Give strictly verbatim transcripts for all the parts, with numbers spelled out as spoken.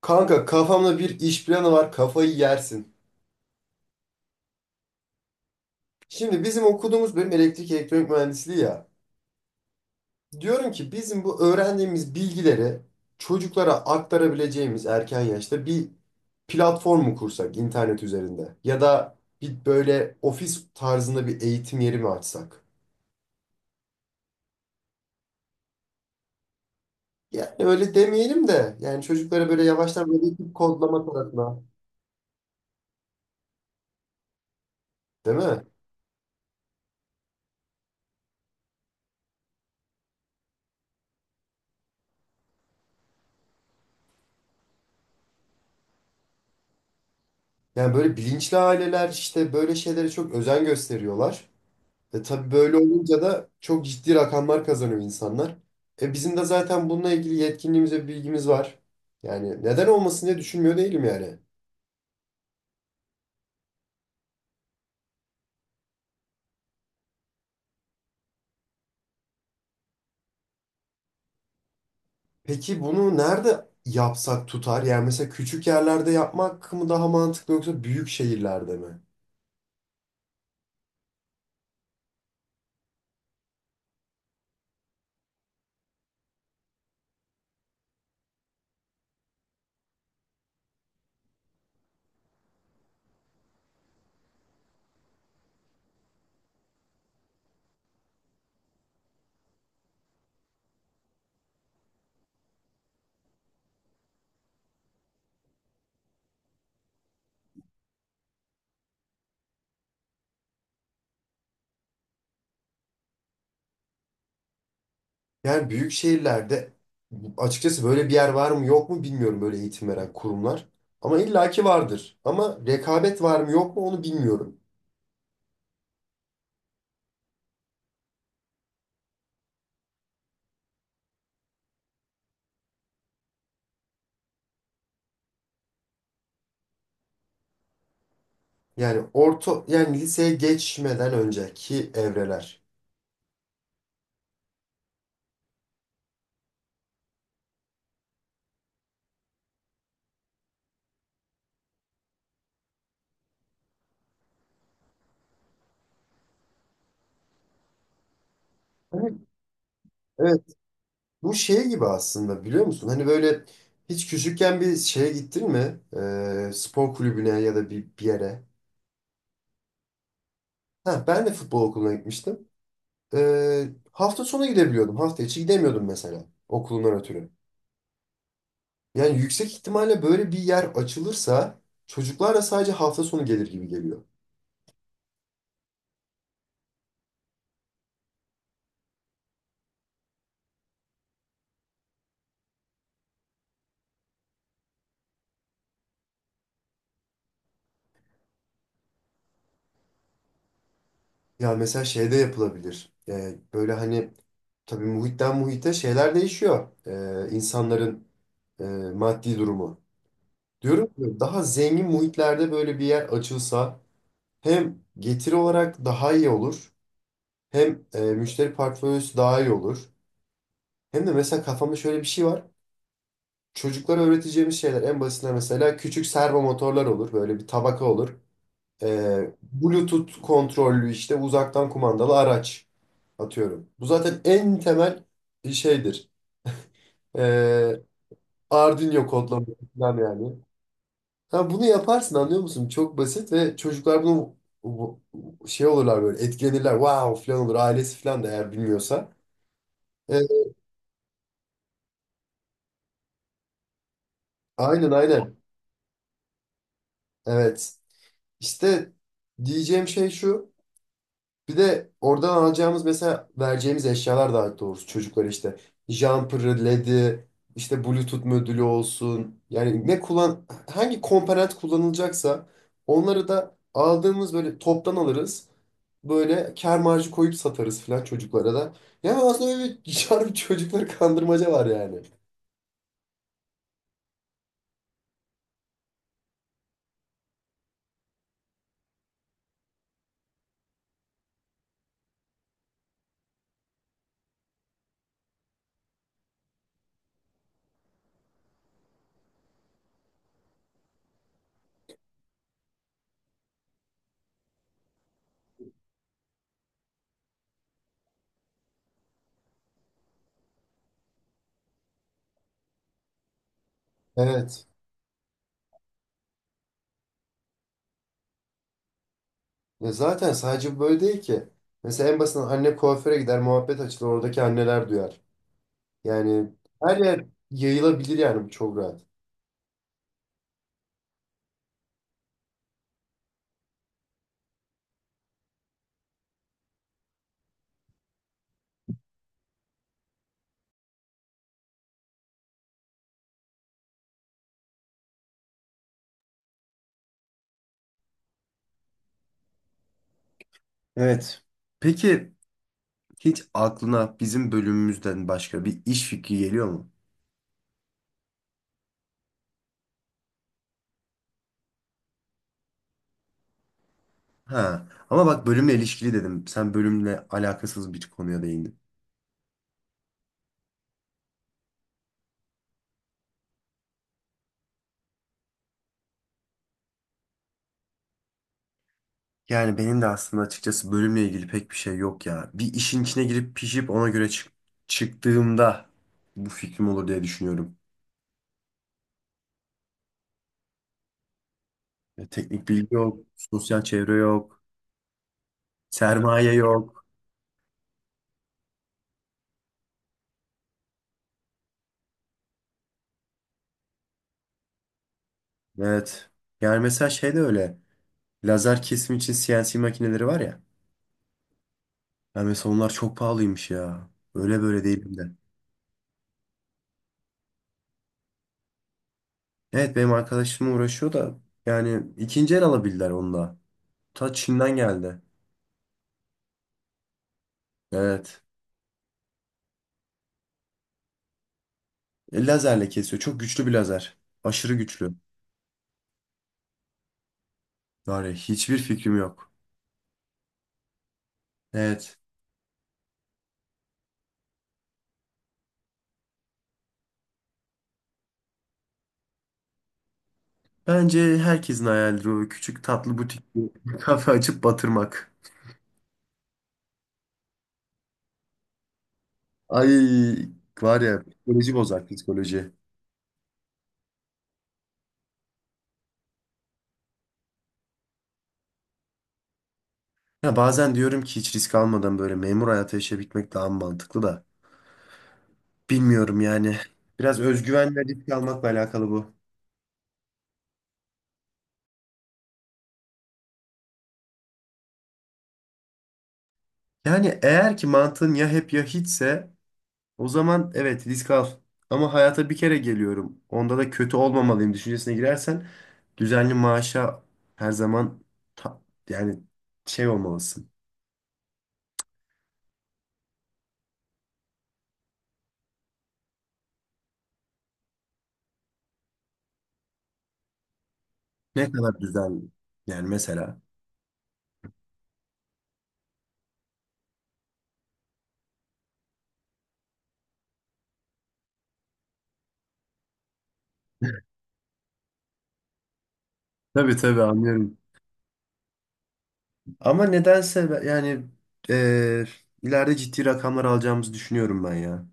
Kanka kafamda bir iş planı var, kafayı yersin. Şimdi bizim okuduğumuz bölüm elektrik elektronik mühendisliği ya. Diyorum ki bizim bu öğrendiğimiz bilgileri çocuklara aktarabileceğimiz erken yaşta bir platform mu kursak internet üzerinde? Ya da bir böyle ofis tarzında bir eğitim yeri mi açsak? Yani öyle demeyelim de yani çocuklara böyle yavaştan böyle bir kodlama tarafına, değil mi? Yani böyle bilinçli aileler işte böyle şeylere çok özen gösteriyorlar. E tabii böyle olunca da çok ciddi rakamlar kazanıyor insanlar. E bizim de zaten bununla ilgili yetkinliğimiz ve bilgimiz var. Yani neden olmasın diye düşünmüyor değilim yani. Peki bunu nerede yapsak tutar? Yani mesela küçük yerlerde yapmak mı daha mantıklı yoksa büyük şehirlerde mi? Yani büyük şehirlerde açıkçası böyle bir yer var mı yok mu bilmiyorum, böyle eğitim veren kurumlar. Ama illaki vardır. Ama rekabet var mı yok mu onu bilmiyorum. Yani orta, yani liseye geçmeden önceki evreler. Evet, evet. Bu şey gibi aslında, biliyor musun? Hani böyle hiç küçükken bir şeye gittin mi? Ee, spor kulübüne ya da bir, bir yere. Ha, ben de futbol okuluna gitmiştim. Ee, hafta sonu gidebiliyordum. Hafta içi gidemiyordum mesela, okulundan ötürü. Yani yüksek ihtimalle böyle bir yer açılırsa çocuklar da sadece hafta sonu gelir gibi geliyor. Ya mesela şeyde yapılabilir. Ee, böyle hani tabii muhitten muhite şeyler değişiyor. Ee, insanların e, maddi durumu. Diyorum ki daha zengin muhitlerde böyle bir yer açılsa hem getiri olarak daha iyi olur hem e, müşteri portföyüsü daha iyi olur. Hem de mesela kafamda şöyle bir şey var. Çocuklara öğreteceğimiz şeyler en basitinden mesela küçük servo motorlar olur. Böyle bir tabaka olur. E, Bluetooth kontrollü işte uzaktan kumandalı araç atıyorum. Bu zaten en temel şeydir. E, Arduino kodlaması falan yani. Ha, bunu yaparsın, anlıyor musun? Çok basit ve çocuklar bunu bu- bu- şey olurlar, böyle etkilenirler. Wow falan olur, ailesi falan da eğer bilmiyorsa. E, aynen aynen. Evet. İşte diyeceğim şey şu. Bir de oradan alacağımız, mesela vereceğimiz eşyalar daha doğrusu çocuklara, işte jumper'ı, L E D'yi, işte Bluetooth modülü olsun. Yani ne kullan Hangi komponent kullanılacaksa onları da aldığımız böyle toptan alırız. Böyle kâr marjı koyup satarız falan çocuklara da. Yani aslında öyle bir harbi çocukları kandırmaca var yani. Evet. Ya zaten sadece böyle değil ki. Mesela en basitinden anne kuaföre gider, muhabbet açılır, oradaki anneler duyar. Yani her yer yayılabilir yani, bu çok rahat. Evet. Peki hiç aklına bizim bölümümüzden başka bir iş fikri geliyor mu? Ha. Ama bak, bölümle ilişkili dedim. Sen bölümle alakasız bir konuya değindin. Yani benim de aslında açıkçası bölümle ilgili pek bir şey yok ya. Bir işin içine girip pişip ona göre çık çıktığımda bu fikrim olur diye düşünüyorum. Ya teknik bilgi yok, sosyal çevre yok, sermaye yok. Evet. Yani mesela şey de öyle. Lazer kesim için C N C makineleri var ya. Ya mesela onlar çok pahalıymış ya. Öyle böyle değil hem de. Evet, benim arkadaşım uğraşıyor da yani ikinci el alabildiler onu da. Ta Çin'den geldi. Evet. E, lazerle kesiyor. Çok güçlü bir lazer. Aşırı güçlü. Var ya, hiçbir fikrim yok. Evet. Bence herkesin hayalidir o küçük tatlı butik bir kafe açıp batırmak. Ay, var ya, psikoloji bozar psikoloji. Ya bazen diyorum ki hiç risk almadan böyle memur hayatı yaşayabilmek daha mantıklı da. Bilmiyorum yani. Biraz özgüven ve risk almakla alakalı bu. Yani eğer ki mantığın ya hep ya hiçse o zaman evet, risk al. Ama hayata bir kere geliyorum, onda da kötü olmamalıyım düşüncesine girersen düzenli maaşa her zaman ta- yani şey olmalısın. Ne kadar düzenli. Yani mesela. Tabii tabii, anlıyorum. Ama nedense ben- yani eee, ileride ciddi rakamlar alacağımızı düşünüyorum ben ya.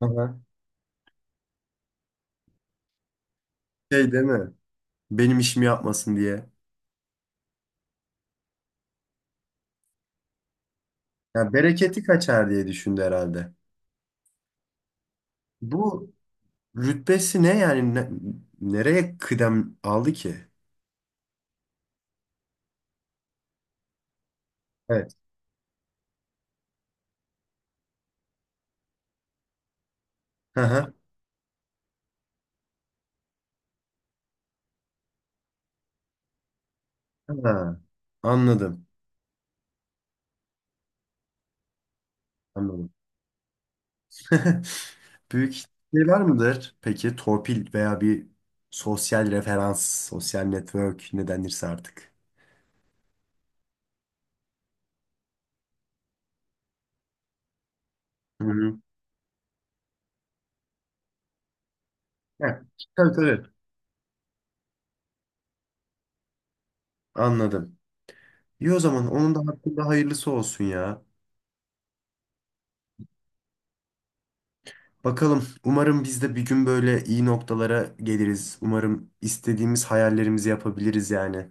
Aha. Şey değil mi? Benim işimi yapmasın diye. Ya bereketi kaçar diye düşündü herhalde. Bu rütbesi ne yani? Ne- nereye kıdem aldı ki? Evet. Hı hı. Ha, anladım. Anladım. Büyük şeyler midir? Peki torpil veya bir sosyal referans, sosyal network ne denirse artık. Hı hı. Evet, tabii tabii. Anladım. İyi, o zaman onun da hakkında hayırlısı olsun ya. Bakalım. Umarım biz de bir gün böyle iyi noktalara geliriz. Umarım istediğimiz hayallerimizi yapabiliriz yani.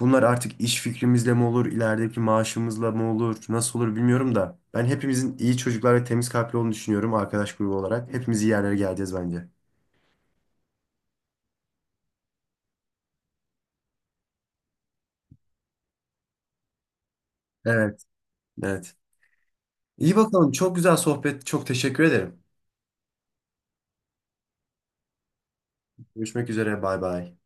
Bunlar artık iş fikrimizle mi olur, ilerideki maaşımızla mı olur, nasıl olur bilmiyorum da. Ben hepimizin iyi çocuklar ve temiz kalpli olduğunu düşünüyorum arkadaş grubu olarak. Hepimiz iyi yerlere geleceğiz bence. Evet, evet. İyi bakalım. Çok güzel sohbet. Çok teşekkür ederim. Görüşmek üzere. Bay bay.